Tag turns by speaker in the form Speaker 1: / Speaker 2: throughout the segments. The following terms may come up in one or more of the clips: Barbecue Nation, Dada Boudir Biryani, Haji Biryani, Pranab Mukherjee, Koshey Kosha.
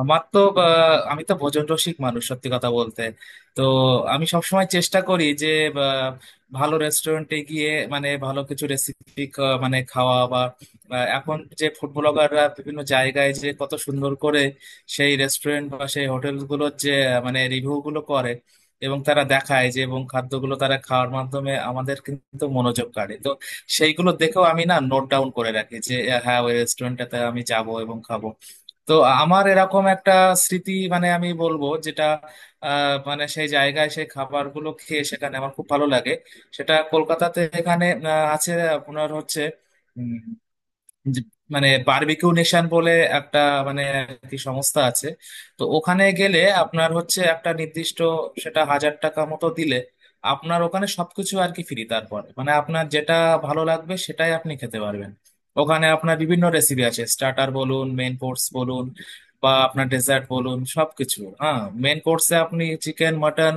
Speaker 1: আমার তো আমি তো ভোজন রসিক মানুষ, সত্যি কথা বলতে। তো আমি সবসময় চেষ্টা করি যে বা, ভালো রেস্টুরেন্টে গিয়ে মানে ভালো কিছু রেসিপি মানে খাওয়া, বা বা এখন যে ফুড ব্লগাররা বিভিন্ন জায়গায় যে কত সুন্দর করে সেই রেস্টুরেন্ট বা সেই হোটেল গুলোর যে মানে রিভিউ গুলো করে এবং তারা দেখায় যে, এবং খাদ্যগুলো তারা খাওয়ার মাধ্যমে আমাদের কিন্তু মনোযোগ কাড়ে। তো সেইগুলো দেখেও আমি না নোট ডাউন করে রাখি যে হ্যাঁ ওই রেস্টুরেন্টটাতে আমি যাব এবং খাবো। তো আমার এরকম একটা স্মৃতি মানে আমি বলবো, যেটা মানে সেই জায়গায় সেই খাবারগুলো খেয়ে সেখানে আমার খুব ভালো লাগে। সেটা কলকাতাতে এখানে আছে। আপনার হচ্ছে যে- মানে বারবিকিউ নেশন বলে একটা মানে আর কি সংস্থা আছে। তো ওখানে গেলে আপনার হচ্ছে একটা নির্দিষ্ট, সেটা 1000 টাকা মতো দিলে আপনার ওখানে সবকিছু আর কি ফ্রি, তারপর মানে আপনার যেটা ভালো লাগবে সেটাই আপনি খেতে পারবেন। ওখানে আপনার বিভিন্ন রেসিপি আছে, স্টার্টার বলুন, মেন কোর্স বলুন, বা আপনার ডেজার্ট বলুন, সবকিছু। হ্যাঁ, মেন কোর্সে আপনি চিকেন, মটন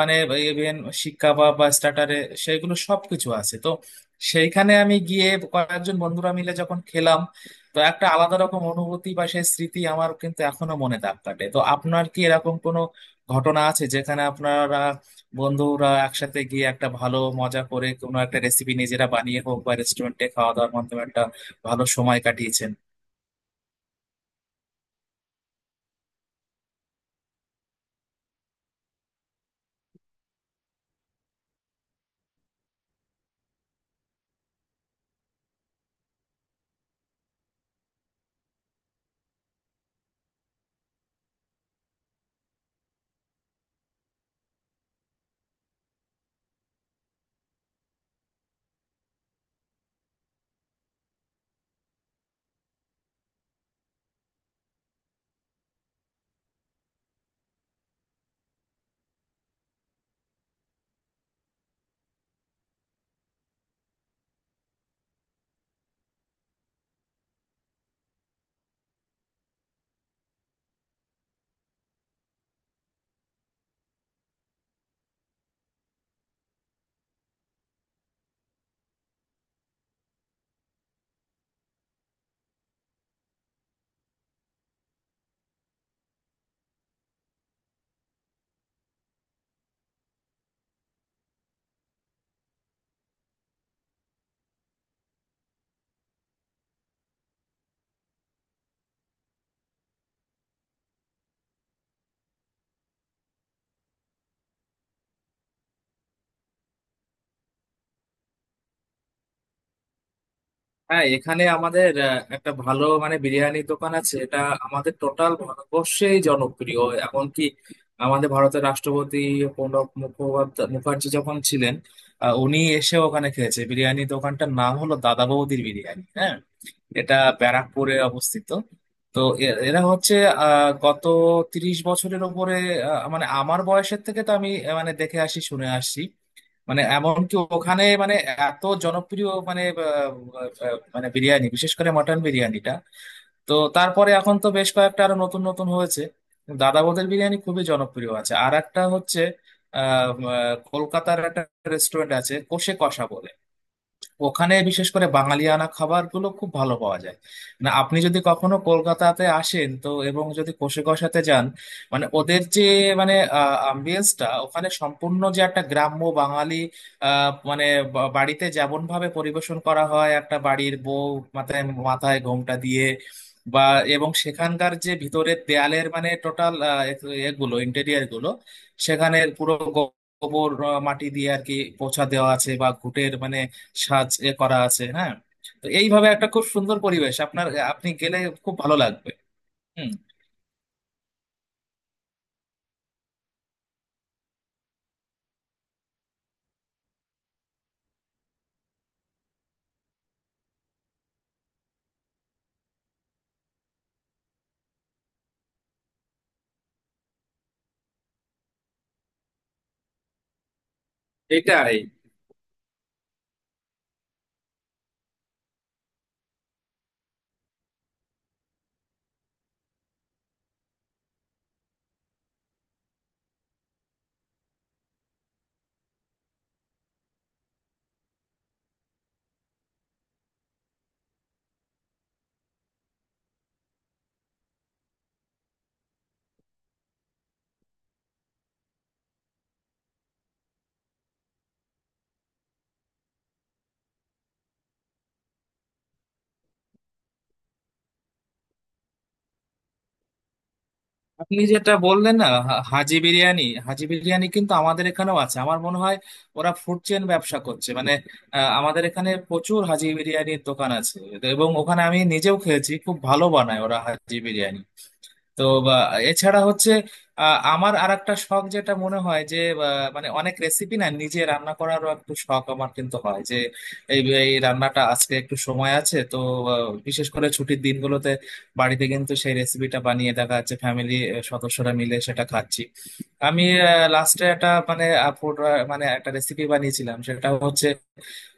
Speaker 1: মানে ইভেন শিক কাবাব বা স্টার্টারে সেগুলো সবকিছু আছে। তো সেইখানে আমি গিয়ে কয়েকজন বন্ধুরা মিলে যখন খেলাম, তো একটা আলাদা রকম অনুভূতি বা সেই স্মৃতি আমার কিন্তু এখনো মনে দাগ কাটে। তো আপনার কি এরকম কোনো ঘটনা আছে যেখানে আপনারা বন্ধুরা একসাথে গিয়ে একটা ভালো মজা করে কোনো একটা রেসিপি নিজেরা বানিয়ে হোক বা রেস্টুরেন্টে খাওয়া দাওয়ার মাধ্যমে একটা ভালো সময় কাটিয়েছেন? হ্যাঁ, এখানে আমাদের একটা ভালো মানে বিরিয়ানি দোকান আছে, এটা আমাদের টোটাল ভারতবর্ষেই জনপ্রিয়। এমনকি আমাদের ভারতের রাষ্ট্রপতি প্রণব মুখোপাধ্যায় মুখার্জি যখন ছিলেন, উনি এসে ওখানে খেয়েছে। বিরিয়ানি দোকানটার নাম হলো দাদা বৌদির বিরিয়ানি, হ্যাঁ। এটা ব্যারাকপুরে অবস্থিত। তো এরা হচ্ছে গত 30 বছরের উপরে, মানে আমার বয়সের থেকে তো আমি মানে দেখে আসি, শুনে আসছি। মানে এমনকি ওখানে মানে এত জনপ্রিয় মানে আহ, আহ, মানে বিরিয়ানি, বিশেষ করে মটন বিরিয়ানিটা। তো তারপরে এখন তো বেশ কয়েকটা আরো নতুন নতুন হয়েছে, দাদা বৌদির বিরিয়ানি খুবই জনপ্রিয় আছে। আর একটা হচ্ছে আহ আহ, কলকাতার একটা রেস্টুরেন্ট আছে, কষে কষা বলে। ওখানে বিশেষ করে বাঙালিয়ানা খাবারগুলো খুব ভালো পাওয়া যায়। না, আপনি যদি কখনো কলকাতাতে আসেন তো, এবং যদি কোষে কষাতে যান, মানে ওদের যে মানে আম্বিয়েন্সটা ওখানে সম্পূর্ণ যে একটা গ্রাম্য বাঙালি মানে বাড়িতে যেমন ভাবে পরিবেশন করা হয়, একটা বাড়ির বউ মাথায় মাথায় ঘোমটা দিয়ে, বা এবং সেখানকার যে ভিতরের দেয়ালের মানে টোটাল এগুলো ইন্টেরিয়ার গুলো, সেখানে পুরো গোবর, মাটি দিয়ে আর কি পোছা দেওয়া আছে বা ঘুটের মানে সাজ এ করা আছে, হ্যাঁ। তো এইভাবে একটা খুব সুন্দর পরিবেশ, আপনার আপনি গেলে খুব ভালো লাগবে। হুম। এটাই, আপনি যেটা বললেন না হাজি বিরিয়ানি, হাজি বিরিয়ানি কিন্তু আমাদের এখানেও আছে আমার মনে হয়। ওরা ফুড চেইন ব্যবসা করছে মানে, আমাদের এখানে প্রচুর হাজি বিরিয়ানির দোকান আছে এবং ওখানে আমি নিজেও খেয়েছি, খুব ভালো বানায় ওরা হাজি বিরিয়ানি। তো বা এছাড়া হচ্ছে আমার আর একটা শখ যেটা মনে হয় যে মানে অনেক রেসিপি না নিজে রান্না করারও একটু শখ আমার কিন্তু হয় যে এই এই রান্নাটা আজকে একটু সময় আছে তো বিশেষ করে ছুটির দিনগুলোতে বাড়িতে কিন্তু সেই রেসিপিটা বানিয়ে দেখা যাচ্ছে ফ্যামিলি সদস্যরা মিলে সেটা খাচ্ছি। আমি লাস্টে একটা মানে food, মানে একটা রেসিপি বানিয়েছিলাম, সেটা হচ্ছে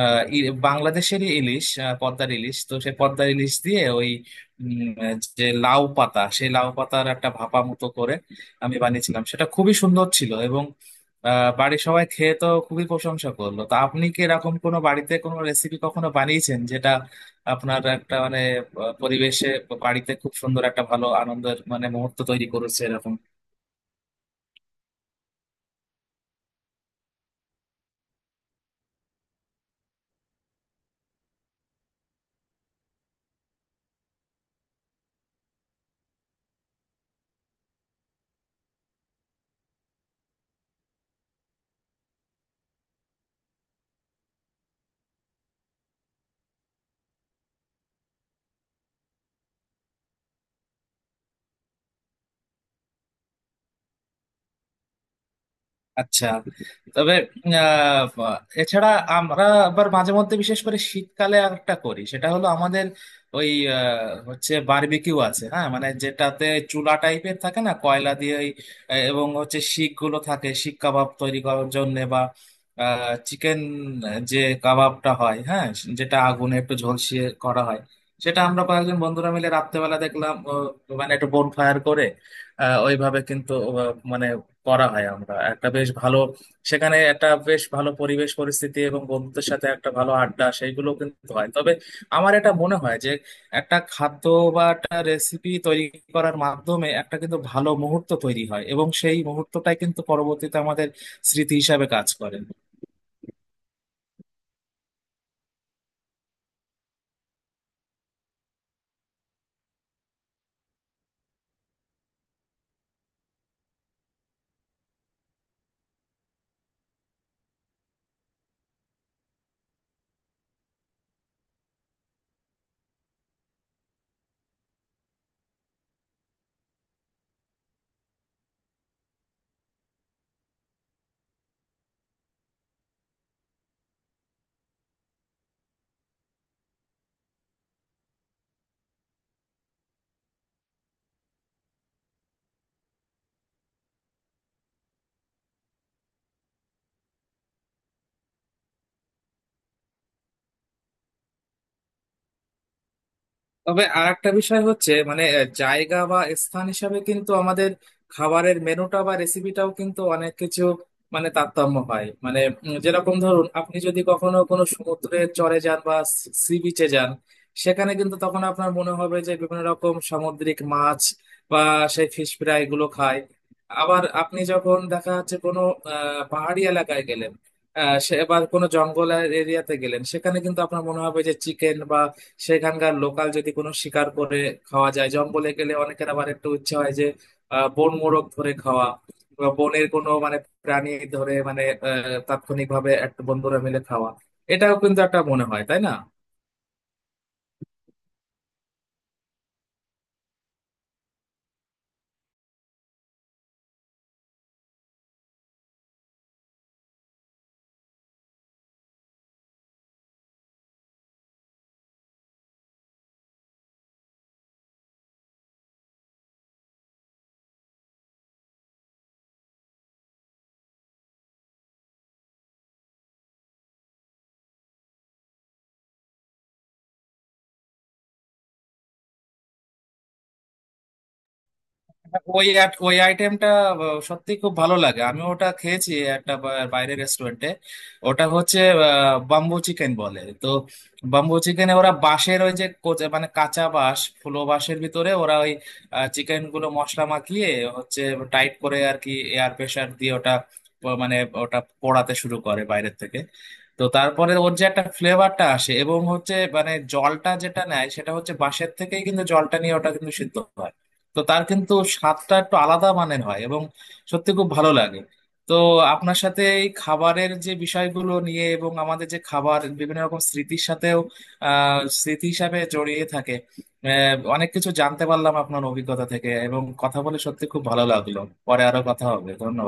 Speaker 1: বাংলাদেশেরই ইলিশ, পদ্মার ইলিশ। তো সে পদ্মার ইলিশ দিয়ে ওই যে লাউ পাতা, সেই লাউ পাতার একটা ভাপা মতো করে আমি বানিয়েছিলাম, সেটা খুবই সুন্দর ছিল এবং বাড়ির সবাই খেয়ে তো খুবই প্রশংসা করলো। তো আপনি কি এরকম কোনো বাড়িতে কোনো রেসিপি কখনো বানিয়েছেন যেটা আপনার একটা মানে পরিবেশে বাড়িতে খুব সুন্দর একটা ভালো আনন্দের মানে মুহূর্ত তৈরি করেছে এরকম? আচ্ছা, তবে আহ, এছাড়া আমরা আবার মাঝে মধ্যে বিশেষ করে শীতকালে আর একটা করি, সেটা হলো আমাদের ওই হচ্ছে বারবিকিউ আছে, হ্যাঁ। মানে যেটাতে চুলা টাইপের থাকে না, কয়লা দিয়ে ওই, এবং হচ্ছে শিক গুলো থাকে শিক কাবাব তৈরি করার জন্য বা চিকেন যে কাবাবটা হয়, হ্যাঁ, যেটা আগুনে একটু ঝলসিয়ে করা হয়। সেটা আমরা কয়েকজন বন্ধুরা মিলে রাত্রেবেলা দেখলাম, মানে একটু বোন ফায়ার করে ওইভাবে কিন্তু মানে করা হয়। আমরা একটা বেশ ভালো সেখানে একটা বেশ ভালো পরিবেশ পরিস্থিতি এবং বন্ধুদের সাথে একটা ভালো আড্ডা সেইগুলো কিন্তু হয়। তবে আমার এটা মনে হয় যে একটা খাদ্য বা একটা রেসিপি তৈরি করার মাধ্যমে একটা কিন্তু ভালো মুহূর্ত তৈরি হয় এবং সেই মুহূর্তটাই কিন্তু পরবর্তীতে আমাদের স্মৃতি হিসাবে কাজ করে। তবে আর একটা বিষয় হচ্ছে মানে জায়গা বা স্থান হিসাবে কিন্তু আমাদের খাবারের মেনুটা বা রেসিপিটাও কিন্তু অনেক কিছু মানে তারতম্য হয় মানে যেরকম ধরুন আপনি যদি কখনো কোনো সমুদ্রের চরে যান বা সি বিচে যান, সেখানে কিন্তু তখন আপনার মনে হবে যে বিভিন্ন রকম সামুদ্রিক মাছ বা সেই ফিশ ফ্রাই গুলো খায়। আবার আপনি যখন দেখা যাচ্ছে কোনো পাহাড়ি এলাকায় গেলেন, সে এবার কোনো জঙ্গল এরিয়াতে গেলেন, সেখানে কিন্তু আপনার মনে হবে যে চিকেন সেখানকার লোকাল যদি কোনো শিকার করে খাওয়া যায়। জঙ্গলে গেলে অনেকের আবার একটু ইচ্ছে হয় যে বন মোরগ ধরে খাওয়া বা বনের কোনো মানে প্রাণী ধরে মানে তাৎক্ষণিক ভাবে একটা বন্ধুরা মিলে খাওয়া। এটাও কিন্তু একটা মনে হয়, তাই না? ওই ওই আইটেমটা সত্যি খুব ভালো লাগে, আমি ওটা খেয়েছি একটা বাইরের রেস্টুরেন্টে। ওটা হচ্ছে বাম্বু চিকেন বলে। তো বাম্বু চিকেনে ওরা বাঁশের ওই যে মানে কাঁচা বাঁশ, ফুলো বাঁশের ভিতরে ওরা ওই চিকেন গুলো মশলা মাখিয়ে হচ্ছে টাইট করে আর কি এয়ার প্রেসার দিয়ে ওটা মানে ওটা পোড়াতে শুরু করে বাইরের থেকে। তো তারপরে ওর যে একটা ফ্লেভারটা আসে এবং হচ্ছে মানে জলটা যেটা নেয় সেটা হচ্ছে বাঁশের থেকেই কিন্তু জলটা নিয়ে ওটা কিন্তু সিদ্ধ হয়। তো তার কিন্তু স্বাদটা একটু আলাদা মানের হয় এবং সত্যি খুব ভালো লাগে। তো আপনার সাথে এই খাবারের যে বিষয়গুলো নিয়ে এবং আমাদের যে খাবার বিভিন্ন রকম স্মৃতির সাথেও স্মৃতি হিসাবে জড়িয়ে থাকে, অনেক কিছু জানতে পারলাম আপনার অভিজ্ঞতা থেকে এবং কথা বলে সত্যি খুব ভালো লাগলো। পরে আরো কথা হবে, ধন্যবাদ।